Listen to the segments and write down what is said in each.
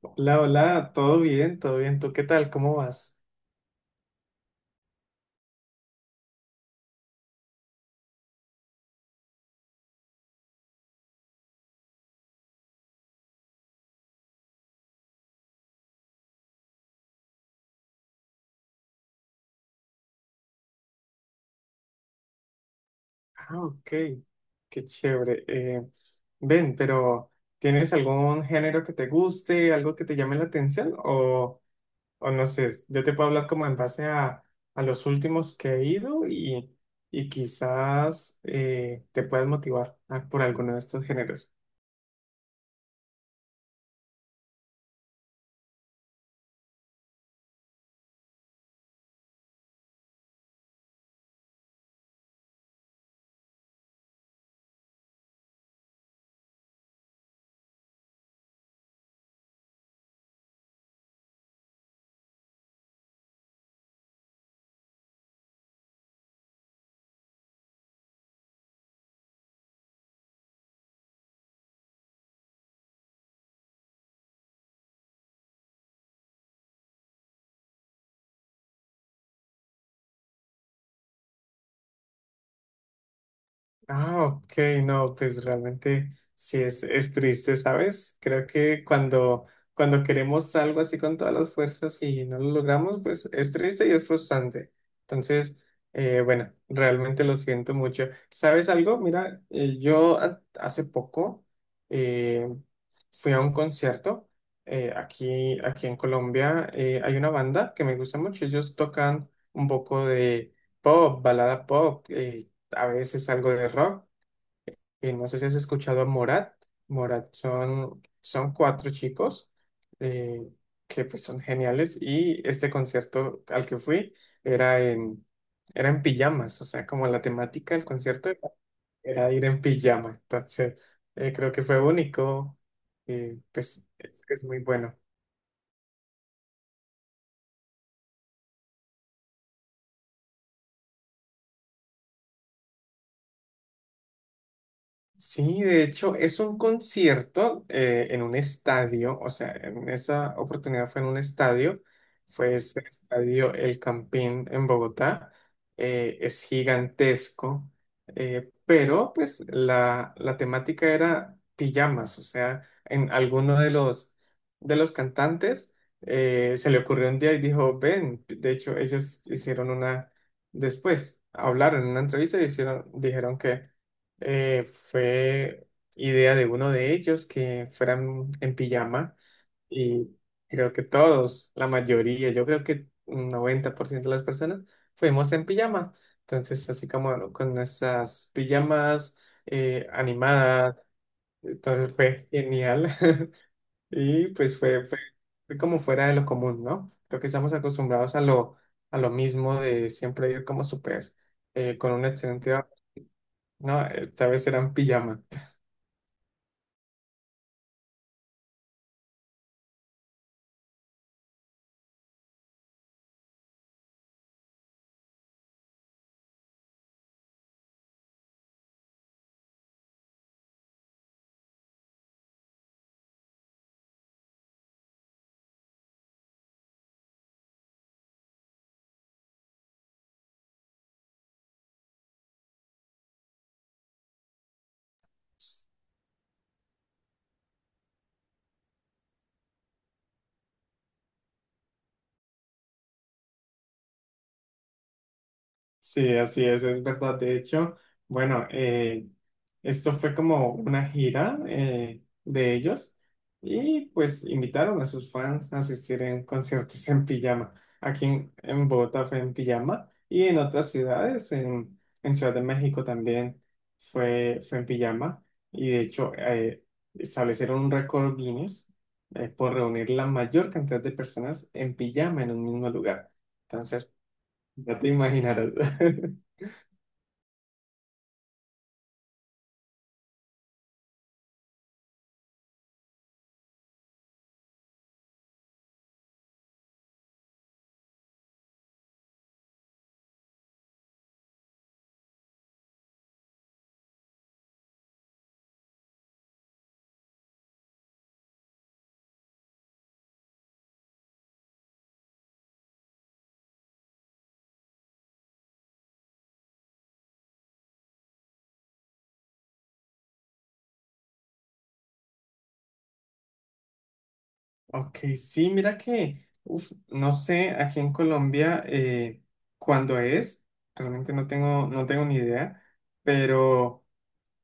Hola, hola, todo bien, todo bien. ¿Tú qué tal? ¿Cómo vas? Ah, ok, qué chévere. Ven, pero ¿tienes algún género que te guste, algo que te llame la atención? O no sé, yo te puedo hablar como en base a los últimos que he ido y quizás te puedas motivar por alguno de estos géneros. Ah, ok, no, pues realmente sí es triste, ¿sabes? Creo que cuando queremos algo así con todas las fuerzas y no lo logramos, pues es triste y es frustrante. Entonces, bueno, realmente lo siento mucho. ¿Sabes algo? Mira, yo hace poco eh, fui a un concierto aquí en Colombia. Hay una banda que me gusta mucho, ellos tocan un poco de pop, balada pop. A veces algo de rock. Y no sé si has escuchado a Morat. Morat son cuatro chicos eh, que pues son geniales. Y este concierto al que fui era en, era en pijamas. O sea, como la temática del concierto era ir en pijama. Entonces, creo que fue único. Y pues es muy bueno. Sí, de hecho, es un concierto en un estadio, o sea, en esa oportunidad fue en un estadio, fue ese estadio El Campín en Bogotá, es gigantesco, pero pues la temática era pijamas, o sea, en alguno de los cantantes se le ocurrió un día y dijo, ven, de hecho, ellos después, hablaron en una entrevista y dijeron que fue idea de uno de ellos que fueran en pijama y creo que todos, la mayoría, yo creo que un 90% de las personas fuimos en pijama. Entonces, así como con nuestras pijamas animadas, entonces fue genial y pues fue como fuera de lo común, ¿no? Creo que estamos acostumbrados a lo mismo de siempre ir como súper con un excelente... No, esta vez eran pijamas. Sí, así es verdad. De hecho, bueno, esto fue como una gira de ellos y pues invitaron a sus fans a asistir en conciertos en pijama. En Bogotá fue en pijama y en otras ciudades, en Ciudad de México también fue en pijama y de hecho establecieron un récord Guinness por reunir la mayor cantidad de personas en pijama en un mismo lugar. Entonces, ya te imaginarás. Ok, sí, mira que, uf, no sé, aquí en Colombia cuándo es, realmente no tengo, no tengo ni idea, pero,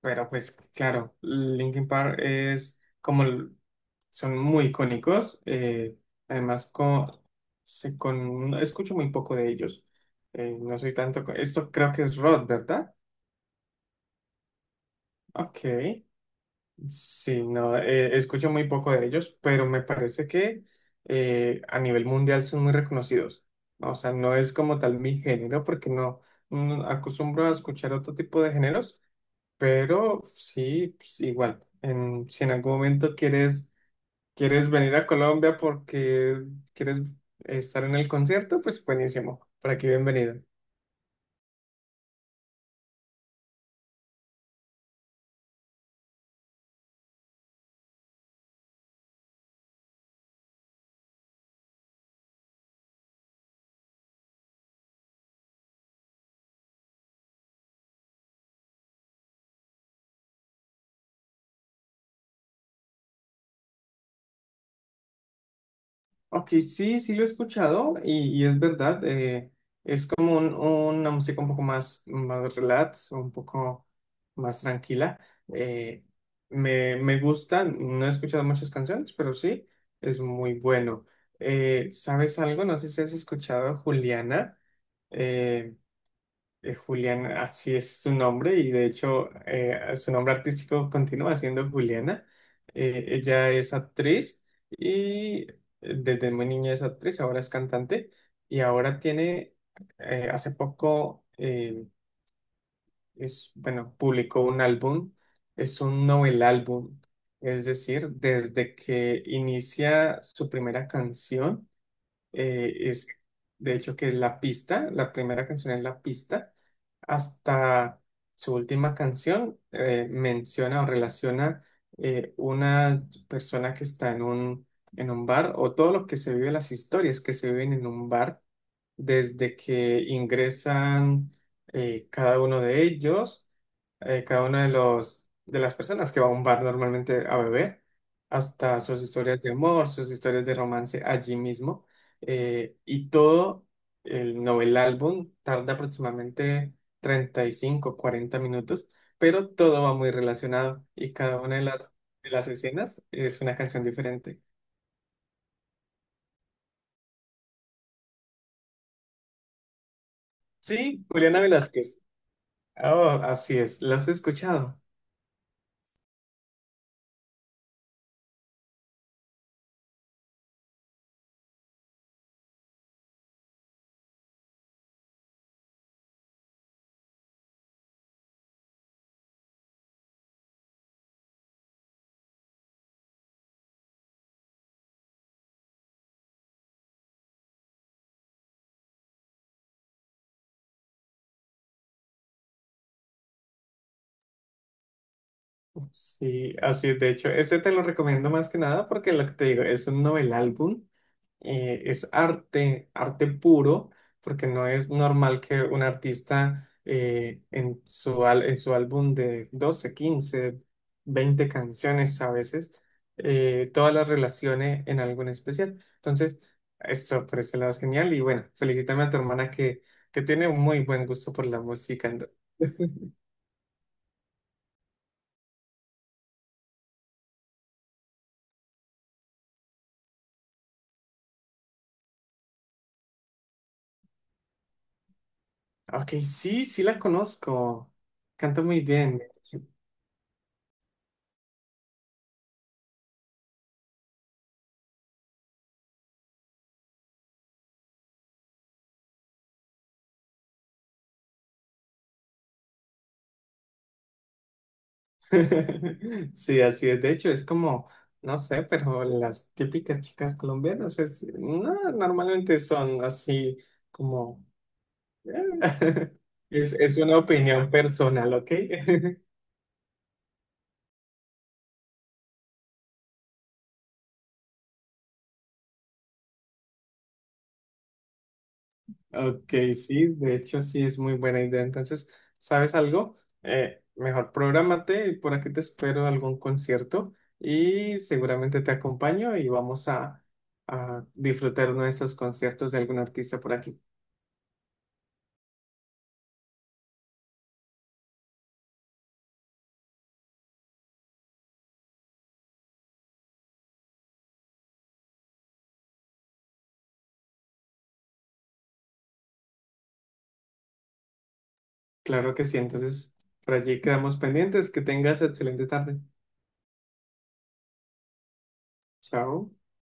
pero pues claro, Linkin Park es como, son muy icónicos, además escucho muy poco de ellos, no soy tanto, esto creo que es rock, ¿verdad? Ok, sí, no, escucho muy poco de ellos, pero me parece que a nivel mundial son muy reconocidos. O sea, no es como tal mi género, porque no, mm, acostumbro a escuchar otro tipo de géneros, pero sí, pues, igual. Si en algún momento quieres venir a Colombia porque quieres estar en el concierto, pues buenísimo. Por aquí, bienvenido. Ok, sí, sí lo he escuchado y es verdad, es como una música un poco más, más relax, un poco más tranquila. eh, me gusta, no he escuchado muchas canciones, pero sí, es muy bueno. ¿Sabes algo? No sé si has escuchado a Juliana. eh, Julián, así es su nombre y de hecho su nombre artístico continúa siendo Juliana. Ella es actriz y desde muy niña es actriz, ahora es cantante y ahora hace poco, es, bueno, publicó un álbum, es un novel álbum, es decir, desde que inicia su primera canción es de hecho que es La Pista, la primera canción es La Pista, hasta su última canción menciona o relaciona una persona que está en en un bar o todo lo que se vive, las historias que se viven en un bar desde que ingresan eh, cada uno de ellos cada una de las personas que va a un bar normalmente a beber, hasta sus historias de amor, sus historias de romance allí mismo. Y todo el novel álbum tarda aproximadamente 35 40 minutos, pero todo va muy relacionado y cada una de de las escenas es una canción diferente. Sí, Juliana Velázquez. Oh, así es, ¿las has escuchado? Sí, así es. De hecho, ese te lo recomiendo más que nada porque lo que te digo es un novel álbum es arte, arte puro, porque no es normal que un artista en en su álbum de 12 15 20 canciones a veces, todas las relacione en algo en especial. Entonces, esto por ese lado es genial y bueno, felicítame a tu hermana que tiene un muy buen gusto por la música. Ok, sí, sí la conozco, canta muy bien. Sí, así es. De hecho, es como, no sé, pero las típicas chicas colombianas, pues, no, normalmente son así como... es una opinión personal, ¿ok? Ok, sí, de hecho sí es muy buena idea. Entonces, ¿sabes algo? Mejor prográmate y por aquí te espero algún concierto y seguramente te acompaño y vamos a disfrutar uno de esos conciertos de algún artista por aquí. Claro que sí, entonces por allí quedamos pendientes. Que tengas excelente tarde. Chao.